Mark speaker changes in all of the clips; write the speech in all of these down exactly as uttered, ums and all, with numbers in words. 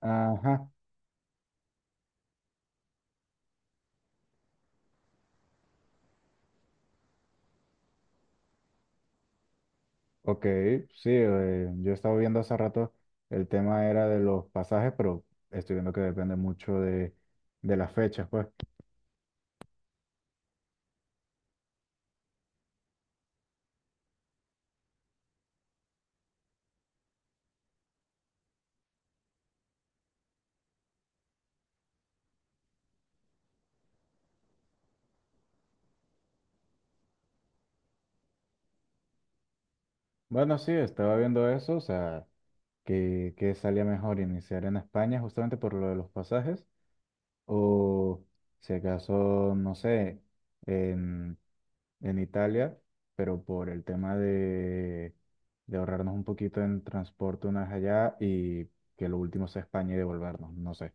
Speaker 1: Ajá, ok, sí, eh, yo estaba viendo hace rato, el tema era de los pasajes, pero estoy viendo que depende mucho de, de las fechas, pues. Bueno, sí, estaba viendo eso, o sea, que, que salía mejor iniciar en España justamente por lo de los pasajes, o si acaso, no sé, en, en Italia, pero por el tema de, de ahorrarnos un poquito en transporte una vez allá y que lo último sea España y devolvernos, no sé.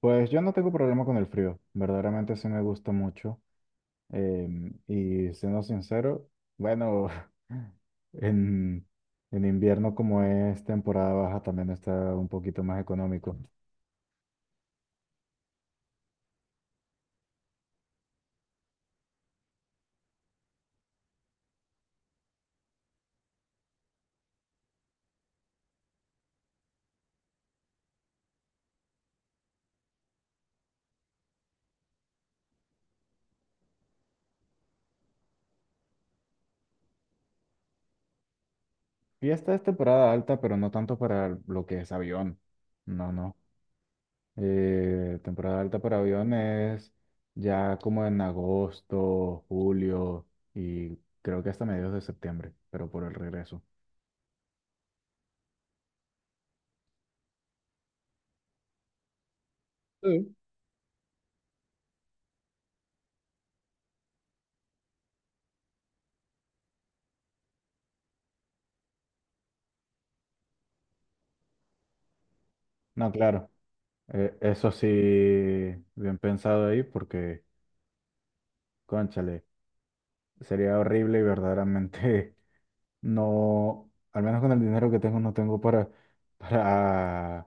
Speaker 1: Pues yo no tengo problema con el frío, verdaderamente sí me gusta mucho. Em, y siendo sincero, bueno, en, en invierno como es temporada baja también está un poquito más económico. Y esta es temporada alta, pero no tanto para lo que es avión. No, no. Eh, temporada alta para avión es ya como en agosto, julio y creo que hasta mediados de septiembre, pero por el regreso. Sí. No, claro. Eh, eso sí, bien pensado ahí, porque, cónchale, sería horrible y verdaderamente no, al menos con el dinero que tengo, no tengo para, para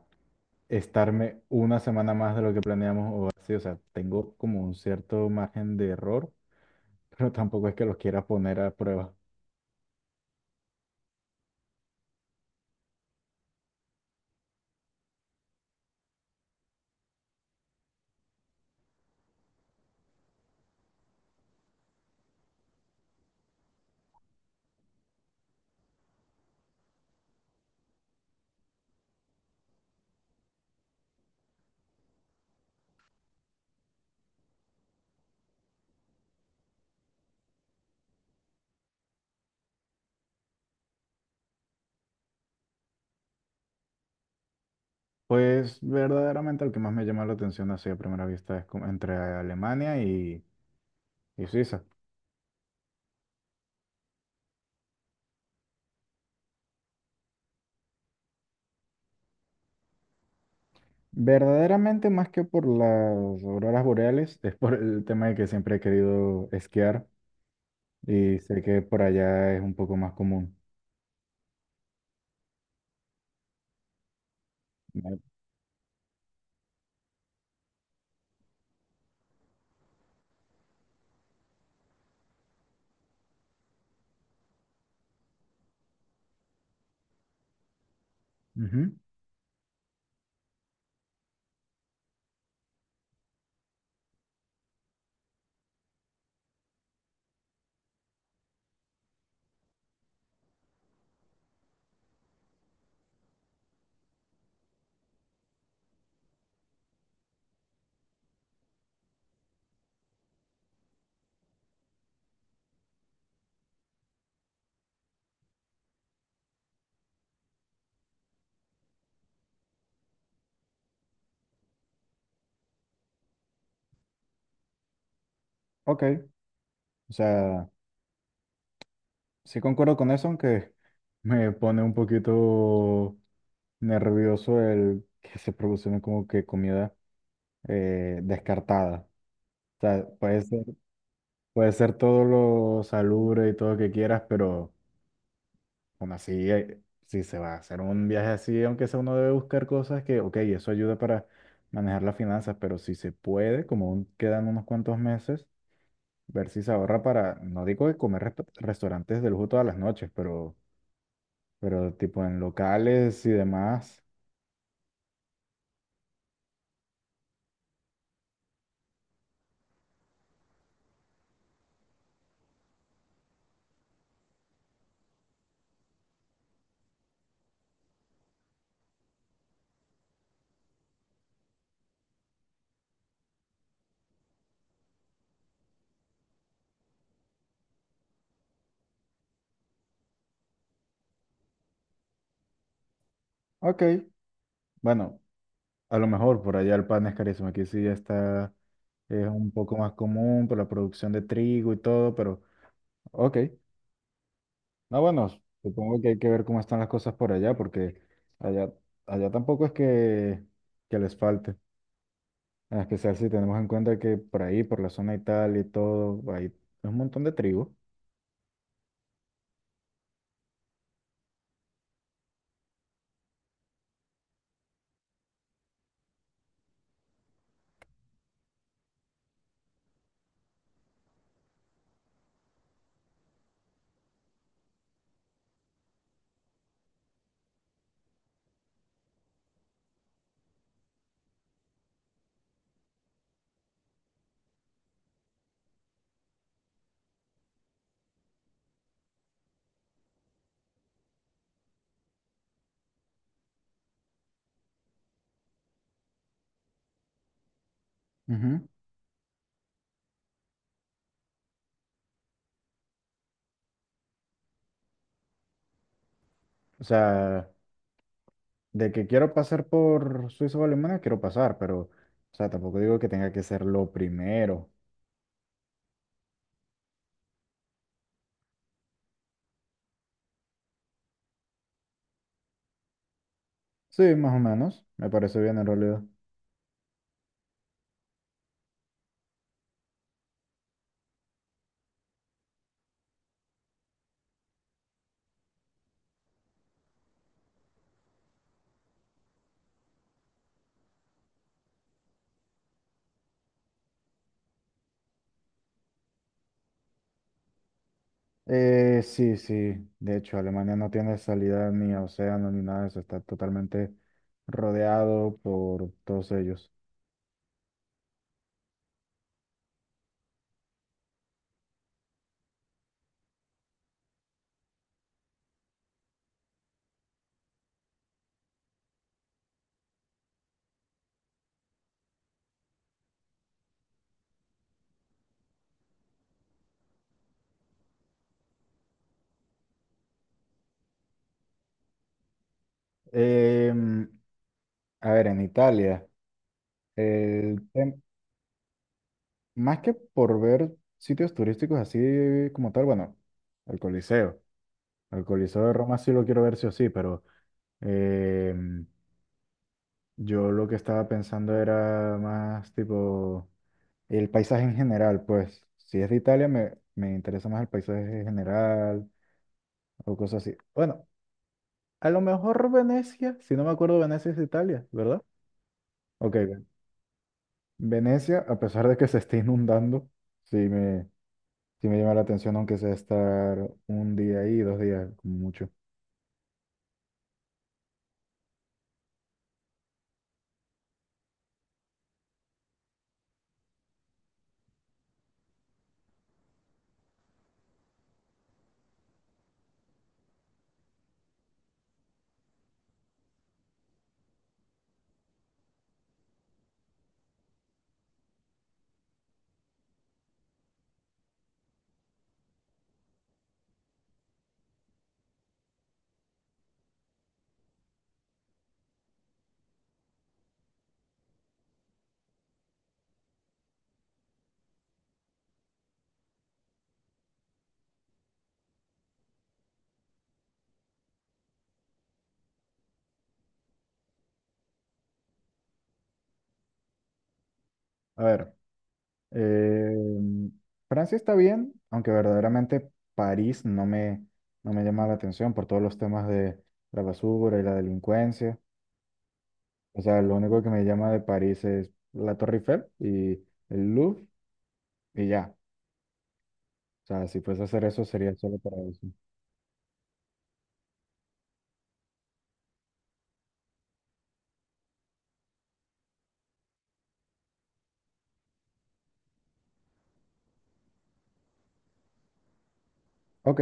Speaker 1: estarme una semana más de lo que planeamos o así. O sea, tengo como un cierto margen de error, pero tampoco es que los quiera poner a prueba. Pues verdaderamente el que más me llama la atención así a primera vista es como entre Alemania y, y Suiza. Verdaderamente, más que por las auroras boreales, es por el tema de que siempre he querido esquiar y sé que por allá es un poco más común. Vale. Ujú. Ok, o sea, sí concuerdo con eso, aunque me pone un poquito nervioso el que se producen como que comida eh, descartada. O sea, puede ser, puede ser todo lo salubre y todo lo que quieras, pero aún así, eh, si se va a hacer un viaje así, aunque sea uno debe buscar cosas que, ok, eso ayuda para manejar las finanzas, pero si se puede, como aún quedan unos cuantos meses, ver si se ahorra para, no digo que comer resp- restaurantes de lujo todas las noches, pero, pero tipo en locales y demás. Ok, bueno, a lo mejor por allá el pan es carísimo, aquí sí ya está, es un poco más común por la producción de trigo y todo, pero ok. No, bueno, supongo que hay que ver cómo están las cosas por allá, porque allá, allá tampoco es que, que les falte. En especial si tenemos en cuenta que por ahí, por la zona y tal y todo, hay un montón de trigo. Ujú. O sea, de que quiero pasar por Suiza o Alemania, quiero pasar, pero, o sea, tampoco digo que tenga que ser lo primero. Sí, más o menos, me parece bien en realidad. Eh, sí, sí. De hecho, Alemania no tiene salida ni a océano ni nada de eso. Está totalmente rodeado por todos ellos. Em, a ver, en Italia, el tem- más que por ver sitios turísticos así como tal, bueno, el Coliseo. El Coliseo de Roma sí lo quiero ver sí o sí, pero em, yo lo que estaba pensando era más tipo. El paisaje en general, pues, si es de Italia, me, me interesa más el paisaje en general o cosas así. Bueno, a lo mejor Venecia, si no me acuerdo, Venecia es de Italia, ¿verdad? Ok, bien. Venecia, a pesar de que se esté inundando, sí me, sí me llama la atención, aunque sea estar un día ahí, dos días, como mucho. A ver, eh, Francia está bien, aunque verdaderamente París no me, no me llama la atención por todos los temas de la basura y la delincuencia. O sea, lo único que me llama de París es la Torre Eiffel y el Louvre y ya. O sea, si fuese a hacer eso sería solo para eso. Ok,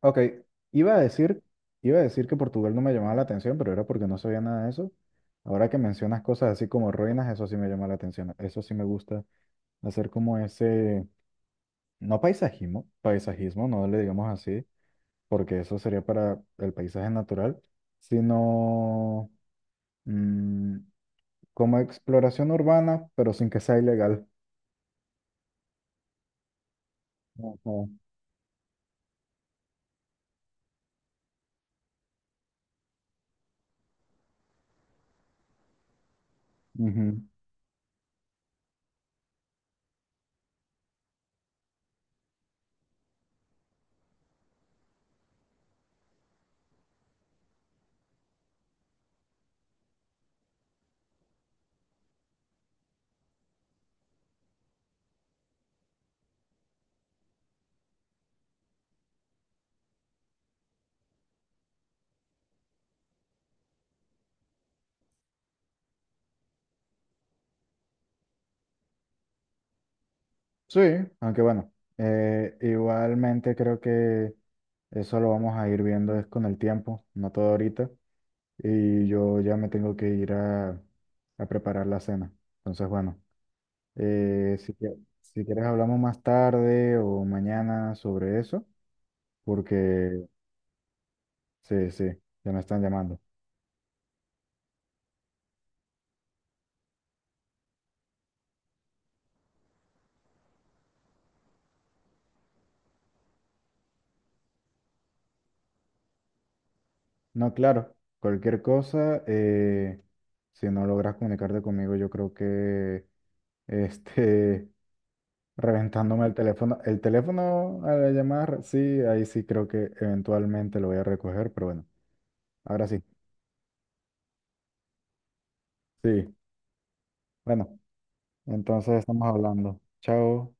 Speaker 1: ok. Iba a decir, iba a decir que Portugal no me llamaba la atención, pero era porque no sabía nada de eso. Ahora que mencionas cosas así como ruinas, eso sí me llama la atención. Eso sí me gusta hacer como ese, no paisajismo, paisajismo, no le digamos así, porque eso sería para el paisaje natural, sino... mm, como exploración urbana, pero sin que sea ilegal. Ujú, ujú. Sí, aunque bueno, eh, igualmente creo que eso lo vamos a ir viendo es con el tiempo, no todo ahorita. Y yo ya me tengo que ir a, a preparar la cena. Entonces, bueno, eh, si, que- si quieres hablamos más tarde o mañana sobre eso, porque sí, sí, ya me están llamando. No, claro, cualquier cosa, eh, si no logras comunicarte conmigo, yo creo que este, reventándome el teléfono, el teléfono a la llamada, re- sí, ahí sí creo que eventualmente lo voy a recoger, pero bueno, ahora sí, sí, bueno, entonces estamos hablando. Chao.